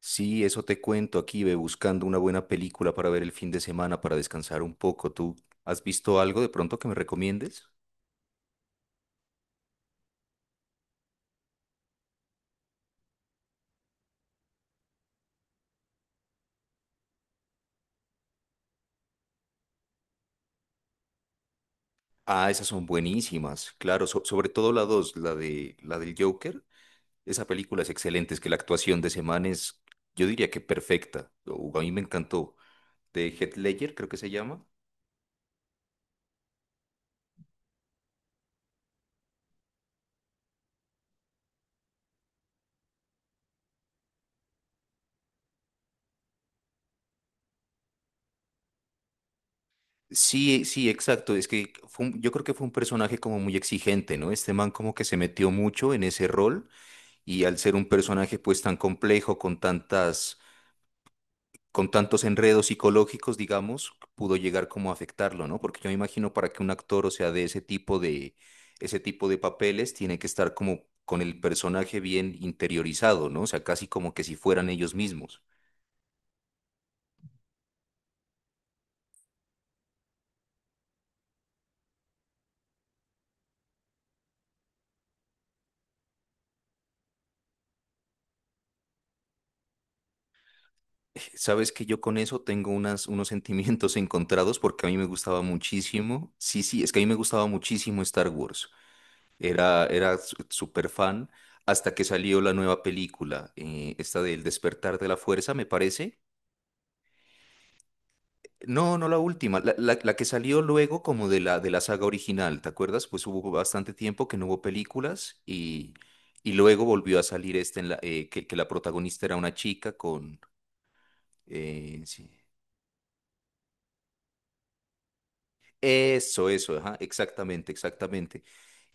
Sí, eso te cuento aquí, ve buscando una buena película para ver el fin de semana, para descansar un poco. ¿Tú has visto algo de pronto que me recomiendes? Ah, esas son buenísimas, claro, sobre todo la dos, la de la del Joker. Esa película es excelente, es que la actuación de ese man es, yo diría que perfecta. A mí me encantó. De Heath Ledger, creo que se llama. Sí, sí, exacto. Es que yo creo que fue un personaje como muy exigente, ¿no? Este man como que se metió mucho en ese rol. Y al ser un personaje pues tan complejo, con tantos enredos psicológicos, digamos, pudo llegar como a afectarlo, ¿no? Porque yo me imagino para que un actor, o sea, ese tipo de papeles, tiene que estar como con el personaje bien interiorizado, ¿no? O sea, casi como que si fueran ellos mismos. Sabes que yo con eso tengo unos sentimientos encontrados porque a mí me gustaba muchísimo. Sí, sí, es que a mí me gustaba muchísimo Star Wars. Era súper fan hasta que salió la nueva película, esta del Despertar de la Fuerza, me parece. No, no la última, la que salió luego como de de la saga original, ¿te acuerdas? Pues hubo bastante tiempo que no hubo películas y luego volvió a salir esta en la, que la protagonista era una chica con… sí. Eso, ajá, exactamente, exactamente.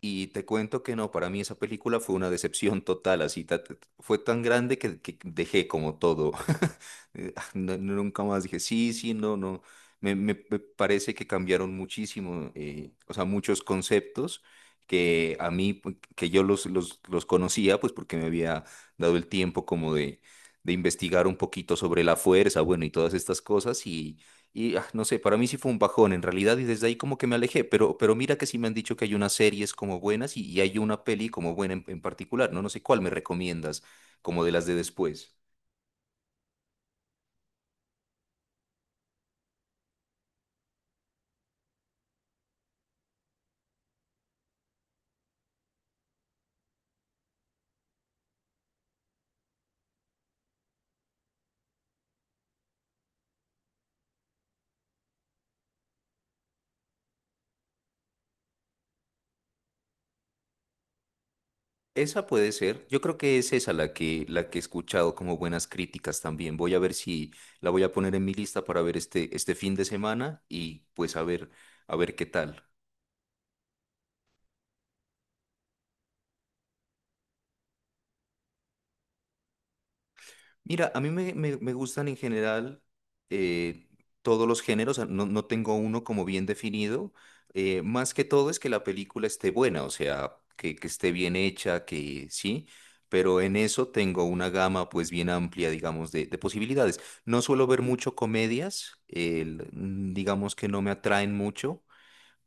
Y te cuento que no, para mí esa película fue una decepción total, así fue tan grande que dejé como todo. Nunca más dije, sí, sí, no, no. Me parece que cambiaron muchísimo, o sea, muchos conceptos que a mí, pues, que yo los conocía, pues porque me había dado el tiempo como de investigar un poquito sobre la fuerza, bueno, y todas estas cosas, no sé, para mí sí fue un bajón en realidad y desde ahí como que me alejé, pero mira que sí me han dicho que hay unas series como buenas y hay una peli como buena en particular, ¿no? No sé cuál me recomiendas, como de las de después. Esa puede ser, yo creo que es esa la que he escuchado como buenas críticas también. Voy a ver si la voy a poner en mi lista para ver este fin de semana y pues a ver qué tal. Mira, a mí me gustan en general eh, todos los géneros, o sea, no, no tengo uno como bien definido. Más que todo es que la película esté buena, o sea, que esté bien hecha, que sí, pero en eso tengo una gama pues bien amplia, digamos, de posibilidades. No suelo ver mucho comedias, digamos que no me atraen mucho,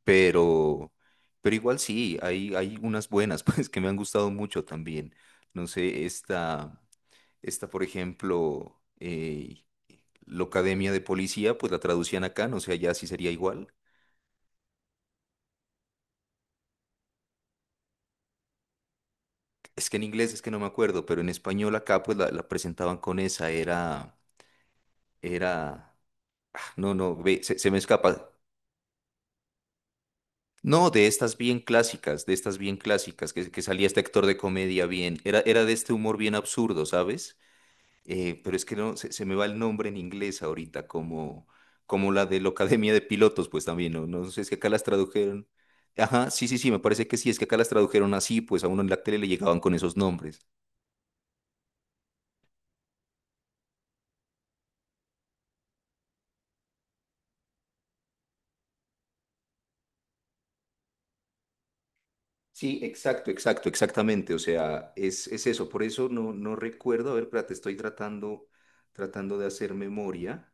pero, pero igual sí, hay unas buenas pues que me han gustado mucho también. No sé, esta… Está, por ejemplo, Locademia de Policía, pues la traducían acá, no sé, allá sí sería igual. Es que en inglés es que no me acuerdo, pero en español acá pues la presentaban con esa, era, era, no, no, ve, se me escapa. No, de estas bien clásicas, de estas bien clásicas, que salía este actor de comedia bien, era, era de este humor bien absurdo, ¿sabes? Pero es que no, se me va el nombre en inglés ahorita, como la de la Academia de Pilotos, pues también, no, no sé, es que acá las tradujeron. Ajá, sí, sí, sí, me parece que sí, es que acá las tradujeron así, pues a uno en la tele le llegaban con esos nombres. Sí, exacto, exacto, exactamente, o sea, es eso, por eso no, no recuerdo, a ver, espérate, tratando de hacer memoria.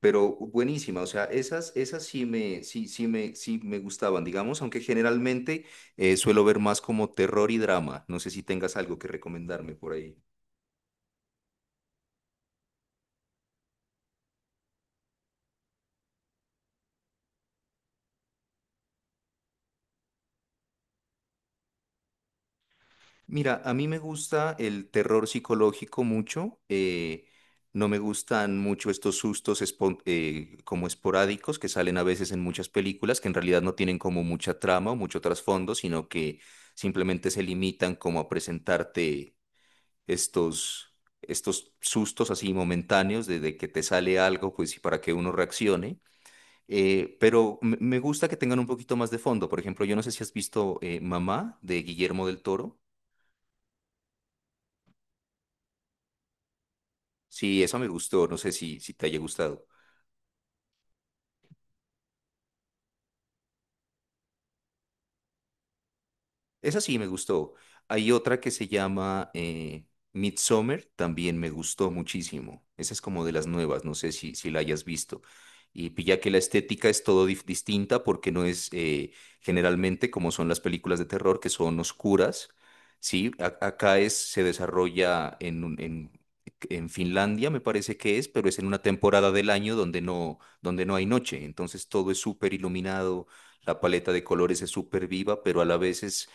Pero buenísima, o sea, esas, sí me gustaban, digamos, aunque generalmente suelo ver más como terror y drama. No sé si tengas algo que recomendarme por ahí. Mira, a mí me gusta el terror psicológico mucho. No me gustan mucho estos como esporádicos que salen a veces en muchas películas, que en realidad no tienen como mucha trama o mucho trasfondo, sino que simplemente se limitan como a presentarte. estos, estos sustos así momentáneos de que te sale algo, pues y para que uno reaccione. Pero me gusta que tengan un poquito más de fondo. Por ejemplo, yo no sé si has visto Mamá, de Guillermo del Toro. Sí, esa me gustó. No sé si, si te haya gustado. Esa sí me gustó. Hay otra que se llama Midsommar, también me gustó muchísimo. Esa es como de las nuevas, no sé si, si la hayas visto. Y pilla que la estética es todo distinta porque no es generalmente como son las películas de terror que son oscuras, ¿sí? Acá es, se desarrolla en Finlandia, me parece que es, pero es en una temporada del año donde no hay noche. Entonces todo es súper iluminado, la paleta de colores es súper viva, pero a la vez es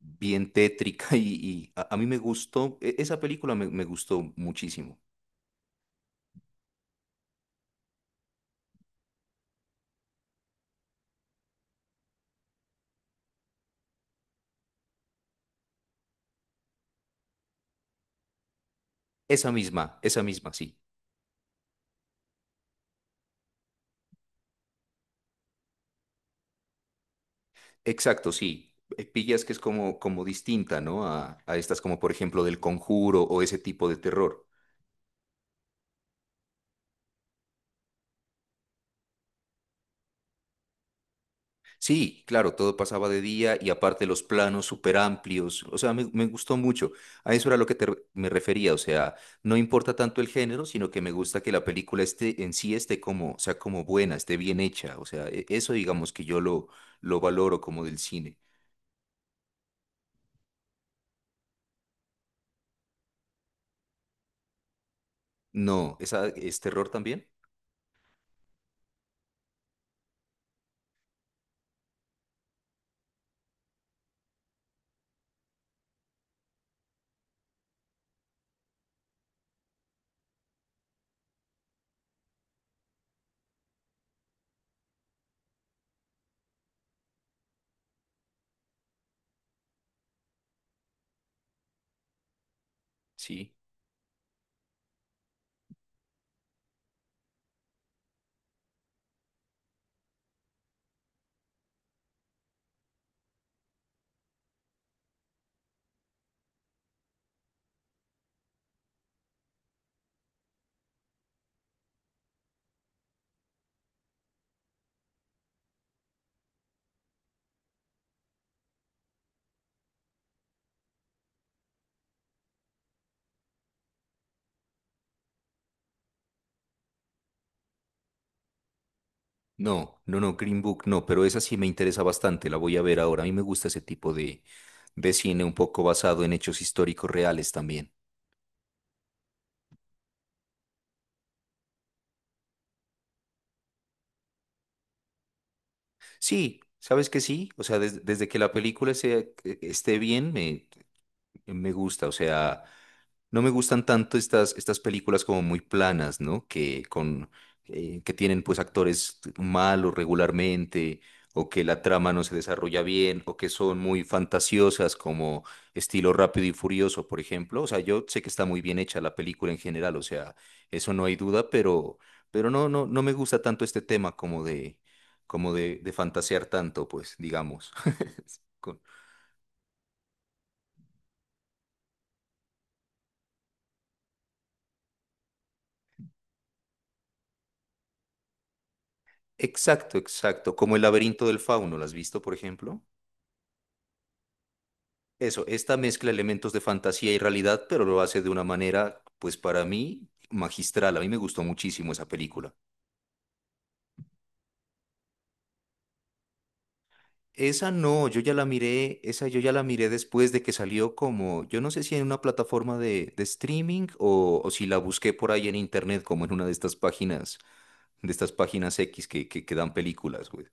bien tétrica y, a mí me gustó, esa película me gustó muchísimo. Esa misma, sí. Exacto, sí. Pillas que es como, como distinta, ¿no? A estas como por ejemplo del Conjuro o ese tipo de terror. Sí, claro, todo pasaba de día y aparte los planos súper amplios, o sea, me gustó mucho. A eso era lo que me refería, o sea, no importa tanto el género, sino que me gusta que la película esté en sí esté como, sea como buena, esté bien hecha, o sea, eso digamos que yo lo valoro como del cine. No, ¿esa es terror también? Sí. No, no, no, Green Book no, pero esa sí me interesa bastante, la voy a ver ahora. A mí me gusta ese tipo de cine un poco basado en hechos históricos reales también. Sí, sabes que sí, o sea, desde que la película esté bien, me gusta, o sea, no me gustan tanto estas, estas películas como muy planas, ¿no? Que tienen pues actores malos regularmente, o que la trama no se desarrolla bien, o que son muy fantasiosas como estilo Rápido y Furioso, por ejemplo. O sea, yo sé que está muy bien hecha la película en general, o sea, eso no hay duda, pero no, no, no me gusta tanto este tema como de, de fantasear tanto, pues, digamos. Con- Exacto, exacto. Como El laberinto del fauno, ¿las has visto, por ejemplo? Eso, esta mezcla elementos de fantasía y realidad, pero lo hace de una manera, pues para mí, magistral. A mí me gustó muchísimo esa película. Esa no, yo ya la miré, esa yo ya la miré después de que salió como, yo no sé si en una plataforma de streaming o si la busqué por ahí en internet, como en una de estas páginas X que dan películas, güey.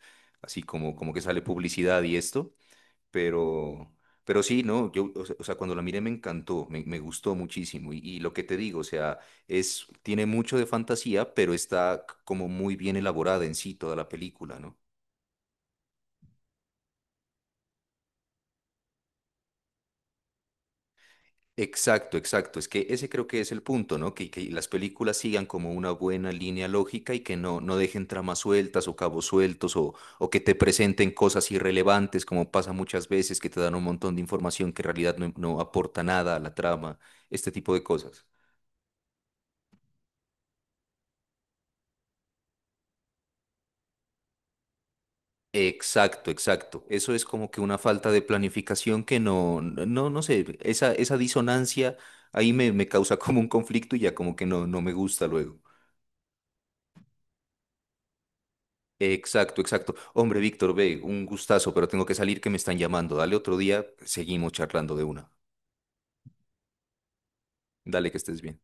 Así como, como que sale publicidad y esto. Pero, pero sí, no, yo, o sea, cuando la miré me encantó, me gustó muchísimo. Y lo que te digo, o sea, es, tiene mucho de fantasía, pero está como muy bien elaborada en sí toda la película, ¿no? Exacto, exacto. Es que ese creo que es el punto, ¿no? Que las películas sigan como una buena línea lógica y que no, no dejen tramas sueltas o cabos sueltos o que te presenten cosas irrelevantes, como pasa muchas veces, que te dan un montón de información que en realidad no, no aporta nada a la trama, este tipo de cosas. Exacto, exacto. Eso es como que una falta de planificación que no, no sé, esa disonancia ahí me causa como un conflicto y ya como que no, no me gusta luego. Exacto, exacto. Hombre, Víctor, ve, un gustazo, pero tengo que salir que me están llamando. Dale otro día, seguimos charlando de una. Dale que estés bien.